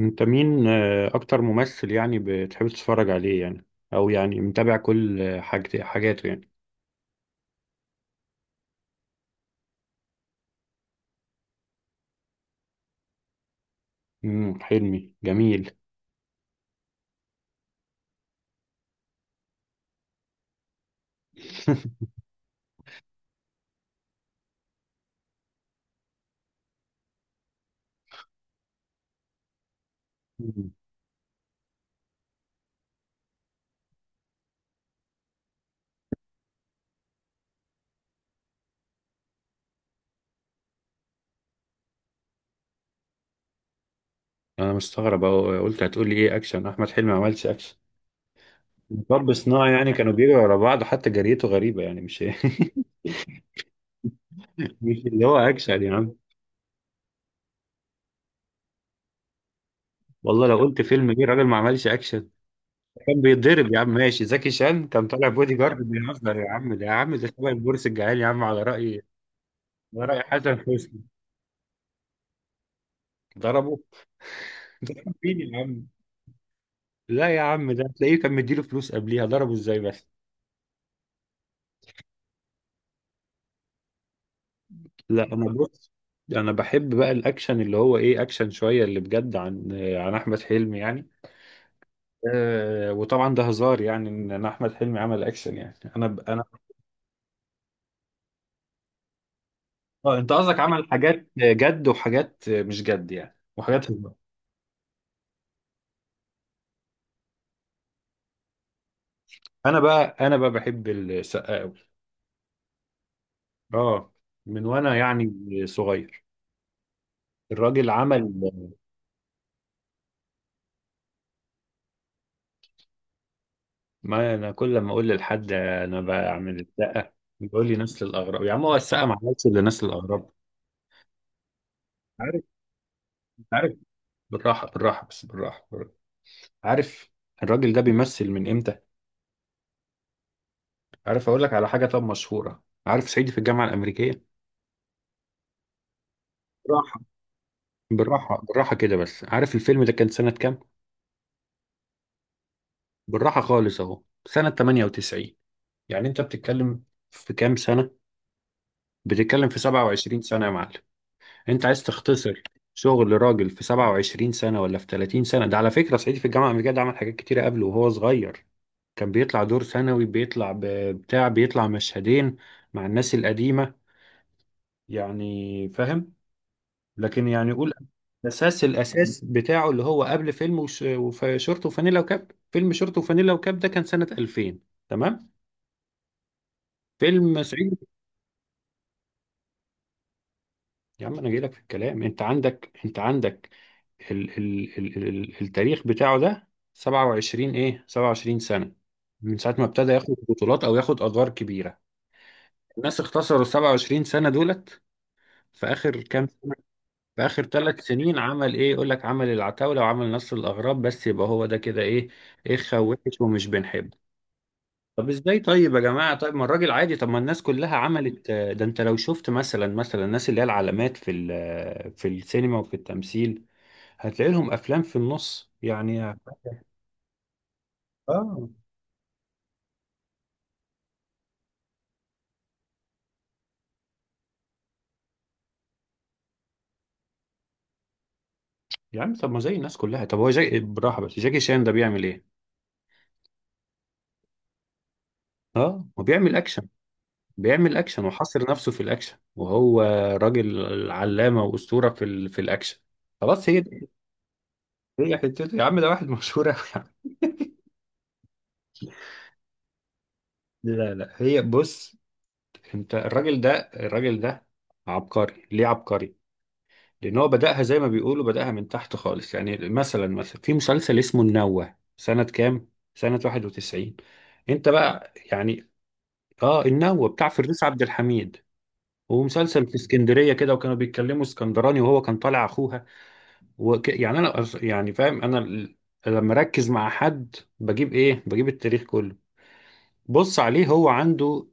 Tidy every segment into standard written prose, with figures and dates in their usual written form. انت مين، اكتر ممثل يعني بتحب تتفرج عليه يعني، او يعني متابع كل حاجاته يعني. حلمي جميل. مم. انا مستغرب أهو، قلت هتقولي ايه؟ اكشن؟ احمد حلمي ما عملش اكشن. مطب صناعي يعني كانوا بيجروا ورا بعض، حتى جريته غريبة يعني مش... مش اللي هو اكشن يا عم. والله لو قلت فيلم ايه راجل ما عملش اكشن. كان بيتضرب يا عم، ماشي زكي شان كان طالع بودي جارد، بيهزر يا عم، ده يا عم ده شبه البورس الجعال يا عم، على رأي، على رأي حسن حسني. ضربه. انت بتعمل مين يا عم؟ لا يا عم، ده تلاقيه كان مديله فلوس قبليها، ضربه ازاي بس؟ لا انا بص، انا بحب بقى الاكشن اللي هو ايه، اكشن شويه اللي بجد، عن عن احمد حلمي يعني. آه، وطبعا ده هزار يعني ان أنا احمد حلمي عمل اكشن، يعني انا آه، انت قصدك عمل حاجات جد وحاجات مش جد يعني وحاجات هزار. انا بقى بحب السقا قوي. اه، من وانا يعني صغير. الراجل عمل، ما انا كل ما اقول لحد انا بعمل السقه بيقول لي نسل الاغراب، يا عم هو السقه ما عملتش الا نسل الاغراب. عارف، انت عارف، بالراحه بالراحه بس بالراحه، بالراحة. عارف، الراجل ده بيمثل من امتى؟ عارف اقول لك على حاجه؟ طب مشهوره، عارف صعيدي في الجامعه الامريكيه؟ بالراحه، بالراحه بالراحه كده، بس عارف الفيلم ده كان سنه كام؟ بالراحه خالص اهو، سنه 98. يعني انت بتتكلم في كام سنه؟ بتتكلم في 27 سنه يا معلم. انت عايز تختصر شغل راجل في 27 سنة ولا في 30 سنة؟ ده على فكرة صعيدي في الجامعة الأمريكية ده عمل حاجات كتيرة قبله وهو صغير، كان بيطلع دور ثانوي، بتاع، بيطلع مشهدين مع الناس القديمة، يعني فاهم؟ لكن يعني قول، الأساس بتاعه اللي هو قبل فيلم شورت وفانيلا وكاب. فيلم شورت وفانيلا وكاب ده كان سنة 2000، تمام؟ فيلم صعيدي. يا عم انا جاي لك في الكلام، انت عندك، انت عندك. ال التاريخ بتاعه ده 27، ايه 27 سنة من ساعة ما ابتدى ياخد بطولات او ياخد ادوار كبيرة. الناس اختصروا ال 27 سنة دولت في اخر كام سنة؟ في اخر ثلاث سنين عمل ايه؟ يقول لك عمل العتاولة وعمل نصر الاغراب، بس يبقى هو ده كده ايه؟ ايه خوش ومش بنحب. طب ازاي طيب يا جماعة؟ طيب ما الراجل عادي، طب ما الناس كلها عملت ده، انت لو شفت مثلا، الناس اللي هي العلامات في في السينما وفي التمثيل هتلاقي لهم افلام في النص يعني. اه، يا عم طب ما زي الناس كلها، طب هو جاي بالراحة، بس جاكي شان ده بيعمل ايه؟ اه هو بيعمل اكشن، بيعمل اكشن وحاصر نفسه في الاكشن، وهو راجل علامة واسطورة في الاكشن. خلاص هي دي- هي حتته يا عم، ده واحد مشهور أوي. لا لا، هي بص، انت الراجل ده، الراجل ده. عبقري، ليه عبقري؟ لان هو بدأها زي ما بيقولوا، بدأها من تحت خالص. يعني مثلا، في مسلسل اسمه النوة سنة كام؟ سنة 91. انت بقى يعني، اه، النوة بتاع فردوس عبد الحميد، ومسلسل في اسكندرية كده، وكانوا بيتكلموا اسكندراني، وهو كان طالع اخوها. وك... يعني انا أص- يعني فاهم لما اركز مع حد بجيب ايه؟ بجيب التاريخ كله. بص عليه، هو عنده،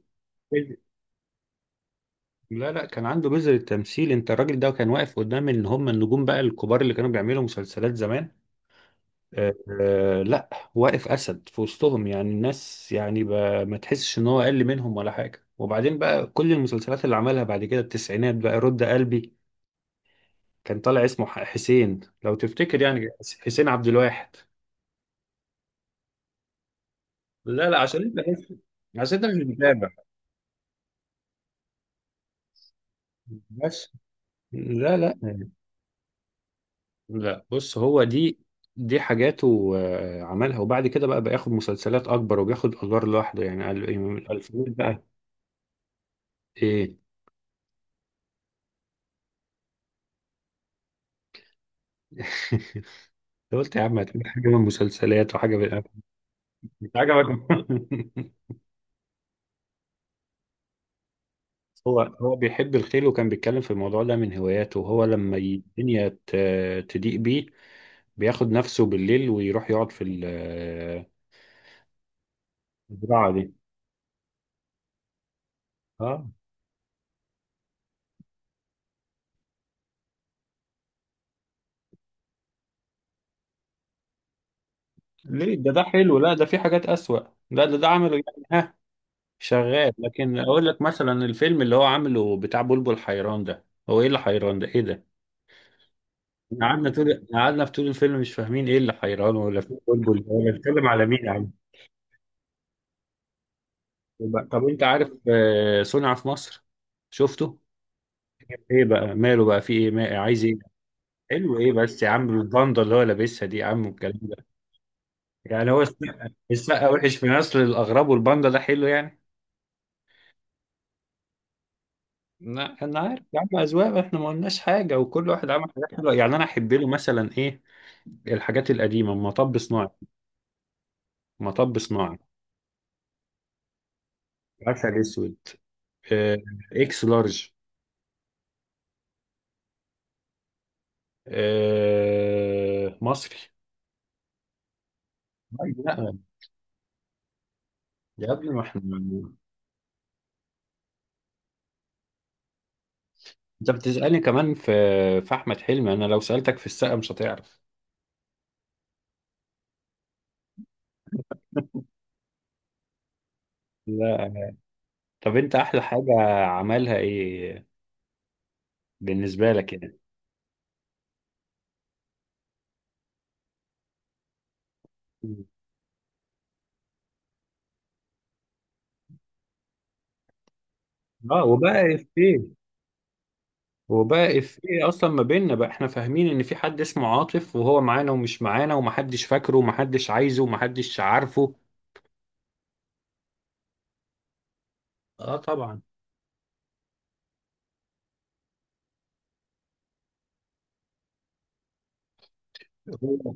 لا لا، كان عنده بذر التمثيل. انت الراجل ده كان واقف قدام، ان هم النجوم بقى الكبار اللي كانوا بيعملوا مسلسلات زمان. آه، لا، واقف اسد في وسطهم، يعني الناس يعني ما تحسش ان هو اقل منهم ولا حاجه. وبعدين بقى كل المسلسلات اللي عملها بعد كده التسعينات، بقى رد قلبي، كان طالع اسمه حسين، لو تفتكر يعني، حسين عبد الواحد. لا لا، عشان انت بس، عشان انت مش متابع. بس، لا لا، لا بص، هو دي، دي حاجاته عملها. وبعد كده بقى بياخد مسلسلات اكبر وبياخد ادوار لوحده، يعني قال إيه، من الالفينات بقى. ايه؟ قلت يا عم هتبقى حاجه من مسلسلات وحاجه من، مش عجبك؟ هو بيحب الخيل، وكان بيتكلم في الموضوع ده من هواياته، وهو لما الدنيا تضيق بيه بياخد نفسه بالليل ويروح يقعد في الزراعه دي. اه، ليه؟ ده حلو، لا ده في حاجات اسوأ. لا، ده عمله يعني شغال، لكن اقول لك مثلا الفيلم اللي هو عامله بتاع بلبل حيران ده، هو ايه اللي حيران ده؟ ايه ده؟ إحنا قعدنا طول، قعدنا طول الفيلم مش فاهمين ايه اللي حيران، ولا في بلبل ده، ولا بيتكلم على مين يا عم. طب انت عارف صنع في مصر؟ شفته؟ ايه بقى؟ ماله بقى؟ في ايه؟ ما عايز ايه؟ حلو ايه بس يا عم؟ الباندا اللي هو لابسها دي يا عم والكلام ده، يعني هو السقا السقا وحش في نسل الاغراب والباندا ده حلو يعني؟ لا، انا عارف يا عم، اذواق، احنا ما قلناش حاجه، وكل واحد عمل حاجات حلوه. يعني انا احب له مثلا ايه، الحاجات القديمة، مطب صناعي، مطب صناعي، عسل اسود، آه، اكس لارج، مصري. طيب، لا، يا ابني ما احنا، انت بتسألني كمان في احمد حلمي، انا لو سألتك في السقا مش هتعرف. لا. طب انت احلى حاجة عملها ايه بالنسبة لك يعني؟ اه، وبقى افيه، وبقى افيه اصلا ما بيننا بقى، احنا فاهمين ان في حد اسمه عاطف وهو معانا ومش معانا ومحدش فاكره ومحدش عايزه ومحدش عارفه. اه طبعا. هو،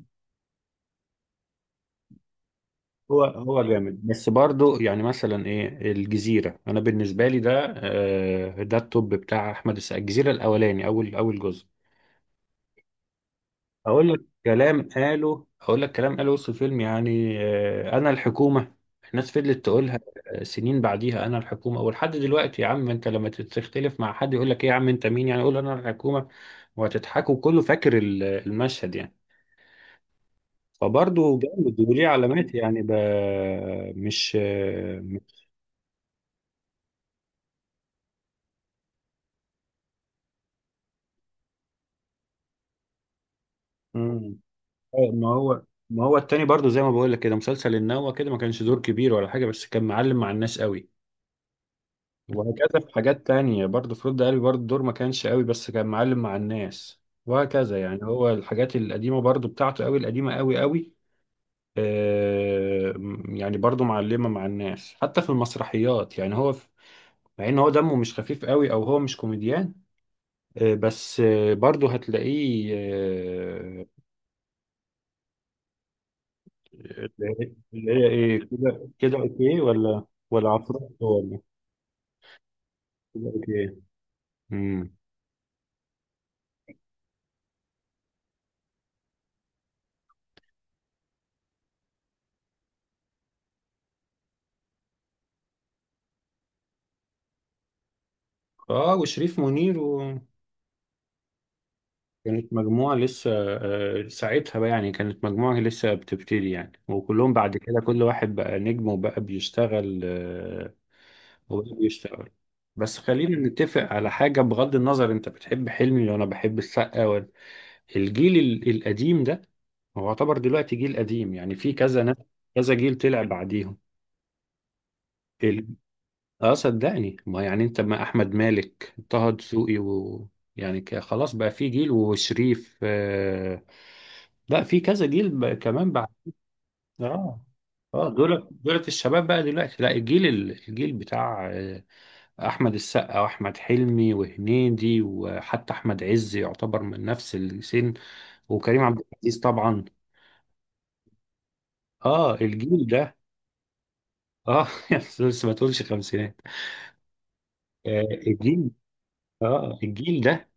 هو جامد، بس برضو يعني مثلا ايه الجزيرة، انا بالنسبة لي ده ده التوب بتاع احمد السقا، الجزيرة الاولاني، اول جزء. اقول لك كلام قاله وسط الفيلم يعني، انا الحكومة. الناس فضلت تقولها سنين بعديها، انا الحكومة. ولحد دلوقتي يا عم، انت لما تختلف مع حد يقول لك ايه يا عم انت مين يعني؟ قول انا الحكومة وهتضحكوا، كله فاكر المشهد يعني، فبرضه جامد وليه علامات، يعني مش مم. أيوة، ما هو التاني برضو، زي ما بقول لك كده، مسلسل النوة كده ما كانش دور كبير ولا حاجة بس كان معلم مع الناس قوي. وهكذا في حاجات تانية برضو، في رد قلبي برضو الدور ما كانش قوي بس كان معلم مع الناس، وهكذا يعني. هو الحاجات القديمة برضو بتاعته قوي، القديمة قوي قوي. آه، يعني برضو معلمة مع الناس حتى في المسرحيات يعني. هو في، مع ان هو دمه مش خفيف قوي، او هو مش كوميديان، بس برضه هتلاقيه اللي هي ايه، كده كده اوكي ولا، ولا عفروتو، ولا كده اوكي. امم. اه، وشريف منير و... كانت مجموعة لسه، ساعتها بقى يعني، كانت مجموعة لسه بتبتدي يعني، وكلهم بعد كده كل واحد بقى نجم وبقى بيشتغل، وبقى بيشتغل. بس خلينا نتفق على حاجة، بغض النظر انت بتحب حلمي وانا بحب السقا ولا، الجيل القديم ده هو يعتبر دلوقتي جيل قديم، يعني في كذا ناس، كذا جيل طلع بعديهم. اه صدقني، ما يعني انت ما احمد مالك، طه دسوقي، و... يعني خلاص بقى في جيل، وشريف، آه، لا في كذا جيل بقى كمان بعد. اه، اه، دول الشباب بقى دلوقتي. لا، الجيل الجيل بتاع احمد السقا واحمد حلمي وهنيدي، وحتى احمد عز يعتبر من نفس السن، وكريم عبد العزيز طبعا. اه الجيل ده، اه، بس ما تقولش خمسينات. آه الجيل، اه الجيل ده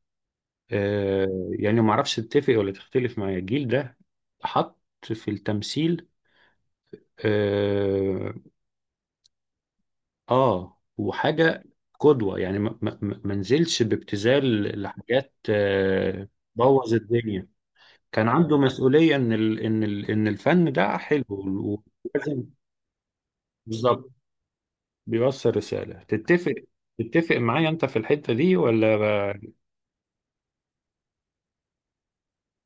يعني ما اعرفش تتفق ولا تختلف معايا، الجيل ده حط في التمثيل، اه، وحاجة قدوة، يعني ما نزلش بابتذال لحاجات بوظ الدنيا. كان عنده مسؤولية ان ال ان ال ان الفن ده حلو ولازم، بالظبط، بيوصل رسالة. تتفق، تتفق معايا انت في الحتة دي ولا؟